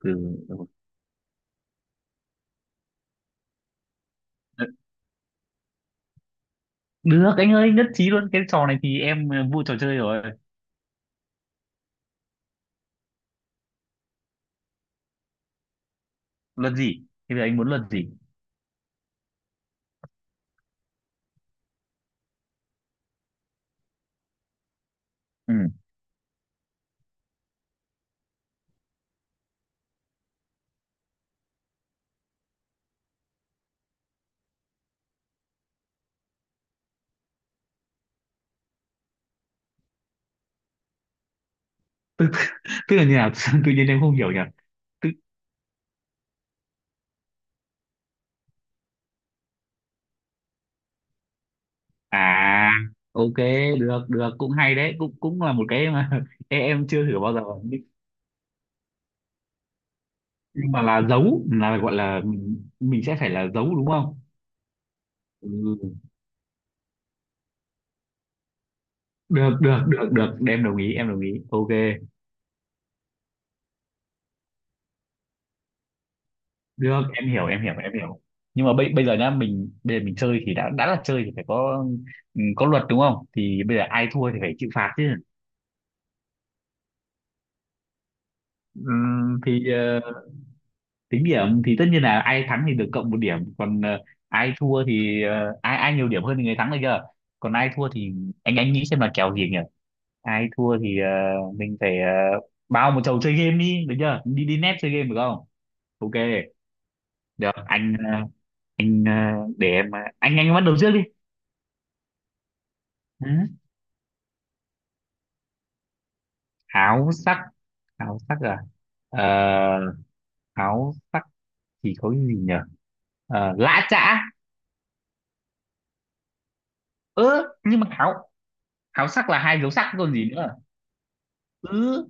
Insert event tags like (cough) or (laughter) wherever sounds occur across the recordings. Ừ. Được anh ơi, nhất trí luôn, cái trò này thì em vui trò chơi rồi. Luật gì? Bây giờ anh muốn luật gì? Ừ. Tức là như nào? (laughs) Sao tự nhiên em không hiểu nhỉ? Tức à? Ok, được được, cũng hay đấy, cũng cũng là một cái mà (laughs) em chưa thử bao giờ nhưng mà là giấu, là gọi là mình sẽ phải là giấu đúng không? Ừ. Được được được được, em đồng ý em đồng ý, ok. Được, em hiểu em hiểu em hiểu. Nhưng mà bây bây giờ nhá, mình bây giờ mình chơi thì đã là chơi thì phải có, ừ, có luật đúng không? Thì bây giờ ai thua thì phải chịu phạt chứ. Ừm, thì ờ, tính điểm thì tất nhiên là ai thắng thì được cộng một điểm, còn ai thua thì ai ai nhiều điểm hơn thì người thắng được chưa? Còn ai thua thì anh nghĩ xem là kèo gì nhỉ? Ai thua thì mình phải bao một chầu chơi game đi được chưa, đi đi net chơi game được không? Ok, được anh anh để em anh bắt đầu trước đi. Áo sắc. Áo sắc à? ờ, áo sắc thì có cái gì nhỉ? Lã chã. Ớ, nhưng mà áo, áo sắc là hai dấu sắc còn gì nữa? Ừ.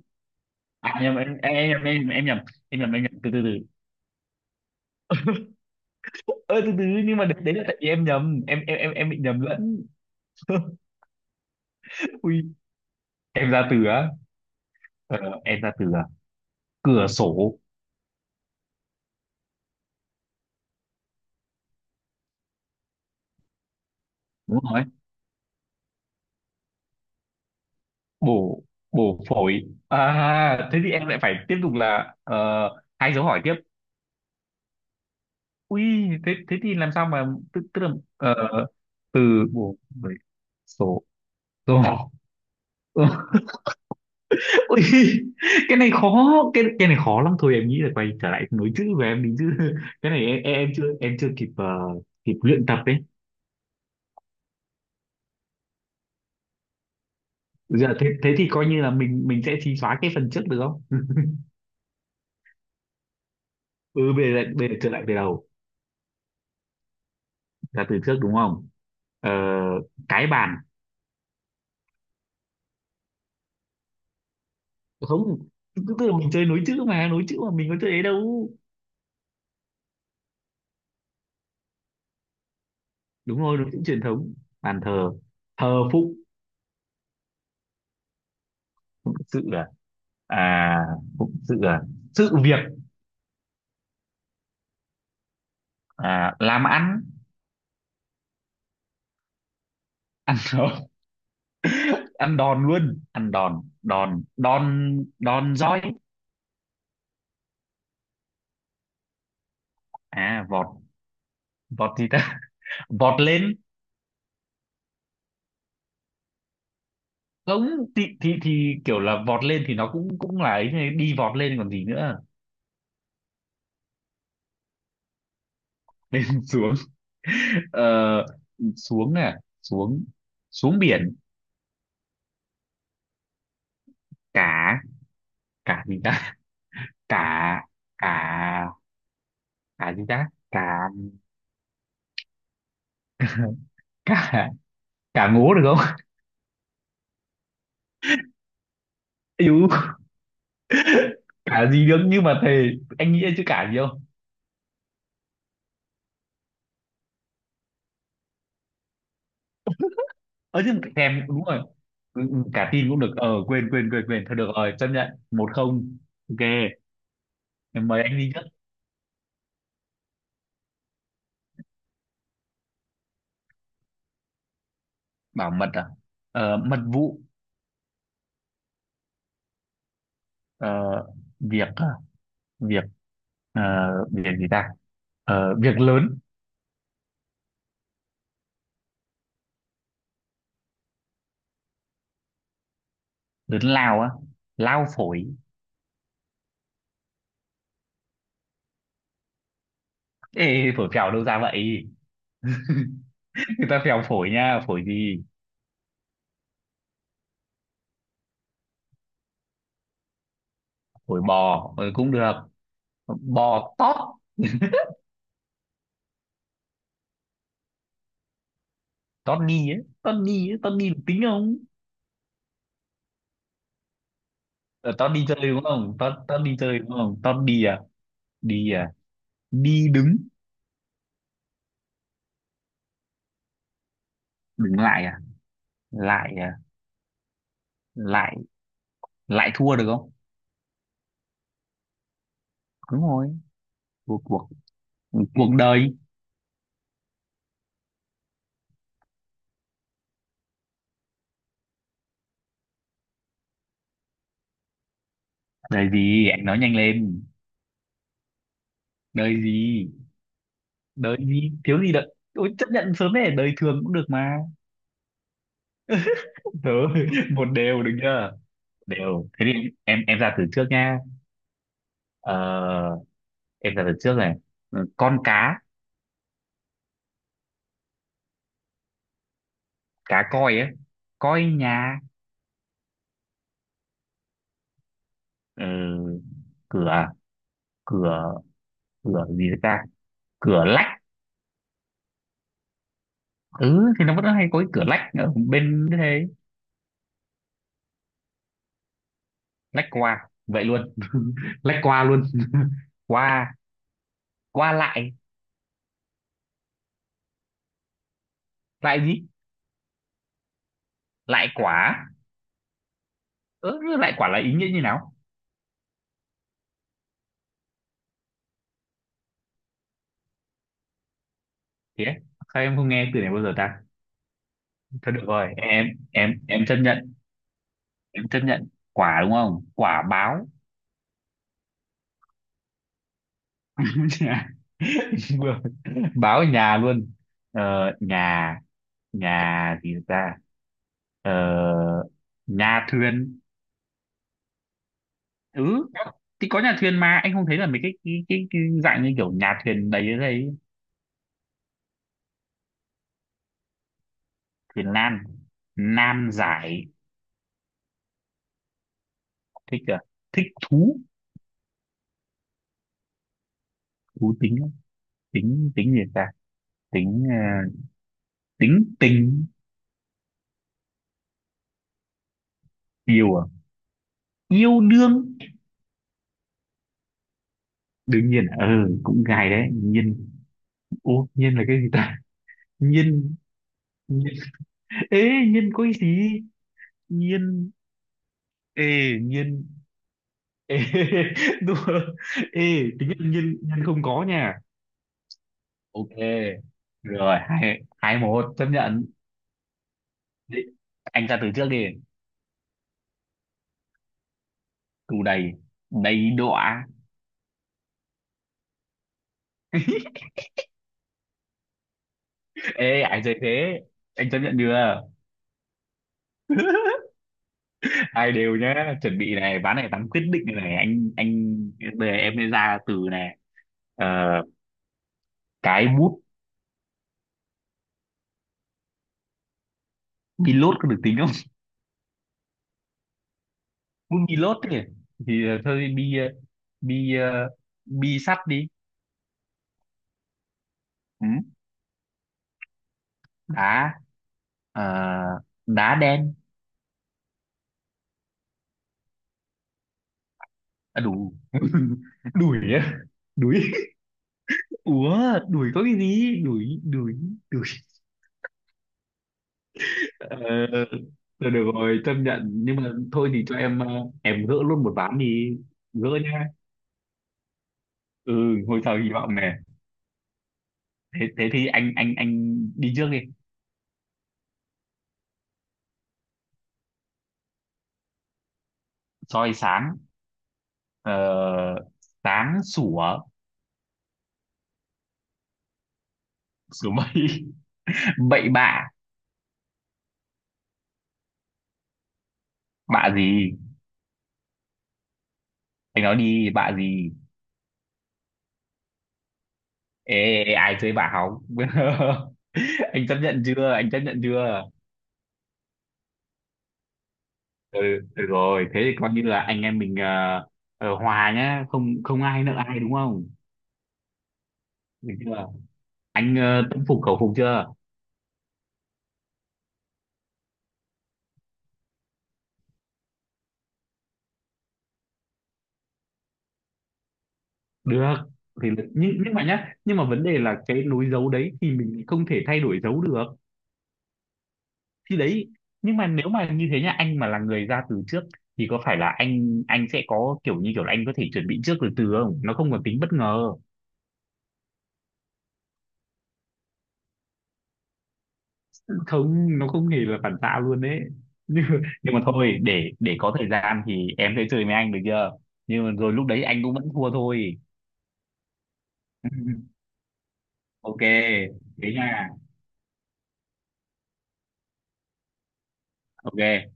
À nhầm, em nhầm, em nhầm em nhầm từ từ từ Ơ từ từ, nhưng mà đấy, đấy là tại vì em nhầm, em bị nhầm lẫn. (laughs) Ui, em ra từ á. ờ, em ra từ à? Cửa sổ. Đúng rồi. Bổ bổ phổi à? Thế thì em lại phải tiếp tục là hai dấu hỏi tiếp. Ui, thế thế thì làm sao mà tức là ờ, từ bộ bảy số rồi. (laughs) Ui, cái này khó, cái này khó lắm. Thôi em nghĩ là quay trở lại nối chữ của em đi chứ. Cái này em chưa kịp kịp luyện tập đấy. Dạ thế thế thì coi như là mình sẽ xí xóa cái phần trước được không? Ừ bây giờ trở lại từ đầu, là từ trước đúng không? Ờ, cái bàn. Không, tức tức là mình chơi nối chữ, mà nối chữ mà mình có chơi ấy đâu. Đúng rồi, nó cũng truyền thống. Bàn thờ. Thờ phụng. Phụng sự à? À, phụng sự à? Sự việc. À, làm ăn. (laughs) Rồi, ăn đòn, luôn ăn đòn, đòn roi. À vọt, vọt gì ta? (laughs) Vọt lên. Không thì, thì kiểu là vọt lên thì nó cũng cũng là ấy, thế đi vọt lên còn gì nữa. (laughs) Xuống, ờ, xuống à, xuống, xuống biển cả. Cả gì ta? Cả, cả cả gì ta? Cả, cả, cả ngố được không? (laughs) Ây, cả gì được nhưng mà thề, anh nghĩ chứ cả gì không? Ơ chứ thèm đúng rồi. Ừ, ừ, cả tin cũng được, ờ quên quên thôi, được rồi, chấp nhận một không. Ok, em mời anh đi trước. Bảo mật à? Mật vụ. ờ, việc à? Việc, ờ, việc gì ta? Việc lớn. Lớn lao á. Lao phổi. Ê phổi phèo đâu ra vậy? (laughs) Người ta phèo phổi nha, phổi gì? Phổi bò, cũng được. Bò tót. Tót đi ấy, tót ni ấy, tót ni được tính không? Ờ, tao đi chơi đúng không? Tao tao đi chơi đúng không? Tao đi à? Đi à? Đi đứng, đứng lại à? Lại à? Lại, lại thua được không? Đúng rồi, cuộc cuộc cuộc đời. Đời gì? Anh nói nhanh lên. Đời gì? Đời gì? Thiếu gì đợi? Ôi, chấp nhận sớm này, đời thường cũng được mà. Rồi, (laughs) một đều được chưa? Đều. Thế thì em ra từ trước nha. Ờ, em ra từ trước này. Ừ, con cá. Cá coi ấy. Coi nhà. Ừ, cửa à? Cửa, cửa gì đấy ta? Cửa lách. Ừ thì nó vẫn hay có cái cửa lách ở bên thế. Lách qua vậy luôn. (laughs) Lách qua luôn. (laughs) Qua, qua lại. Lại gì? Lại quả. Ừ, lại quả là ý nghĩa như nào? Thế sao em không nghe từ này bao giờ ta? Thôi được rồi, em chấp nhận, em chấp nhận. Quả đúng không, quả báo. (laughs) Vừa- báo ở nhà luôn. Ờ, nhà, nhà gì ta? Ờ, nhà thuyền. Ừ thì có nhà thuyền mà, anh không thấy là mấy cái cái dạng như kiểu nhà thuyền đấy đấy. Thuyền nan. Nan giải. Thích à? Thích thú. Thú tính á. Tính, tính gì ta? Tính tính tình. Yêu à? Yêu đương. Đương nhiên à? Ừ cũng gài đấy, nhiên, ô nhiên là cái gì ta? Nhiên, nhiên, ê nhiên có cái gì? Nhiên, ê nhiên, ê. (laughs) Đúng rồi. Ê tính nhiên, nhiên không có nha. Ok, rồi hai hai một, chấp nhận. Đi. Anh ra từ trước đi. Tù đầy. Đầy đọa. Ê ai chơi thế, anh chấp nhận chưa? Hai đều nhá, chuẩn bị này, ván này, ván quyết định này này. Anh bây giờ em sẽ ra từ này. Ờ, cái bút. Pilot có được tính không? (laughs) Bút pilot thì thôi bi bi bi sắt đi. Ừ. Đá, ờ, đá đen. À, đủ. (laughs) Đuổi á, đuổi. Ủa, đuổi có cái gì? Đuổi, đuổi, đuổi. Ờ, rồi được rồi, chấp nhận. Nhưng mà thôi thì cho em em gỡ luôn một ván đi. Gỡ nha. Ừ, ngôi sao hy vọng này. Thế, thế thì anh đi trước đi. Soi sáng. Ờ, sáng sủa. Sủa mây. (laughs) Bậy bạ. Bạ gì? Anh nói đi, bạ gì? Ê, ai chơi bạ hóng? (laughs) Anh chấp nhận chưa? Anh chấp nhận chưa? Ừ, được rồi thế thì coi như là anh em mình hòa nhá, không không ai nợ ai đúng không? Được chưa? Anh tâm phục khẩu phục chưa? Được thì, nhưng mà nhá, nhưng mà vấn đề là cái nối dấu đấy thì mình không thể thay đổi dấu được. Thì đấy, nhưng mà nếu mà như thế nhá, anh mà là người ra từ trước thì có phải là anh sẽ có kiểu như kiểu là anh có thể chuẩn bị trước từ từ không, nó không còn tính bất ngờ. Không nó không hề là phản xạ luôn đấy. nhưng nhưng mà thôi, để có thời gian thì em sẽ chơi với anh được chưa. Nhưng mà rồi lúc đấy anh cũng vẫn thua thôi. (laughs) Ok, thế nha. Ok.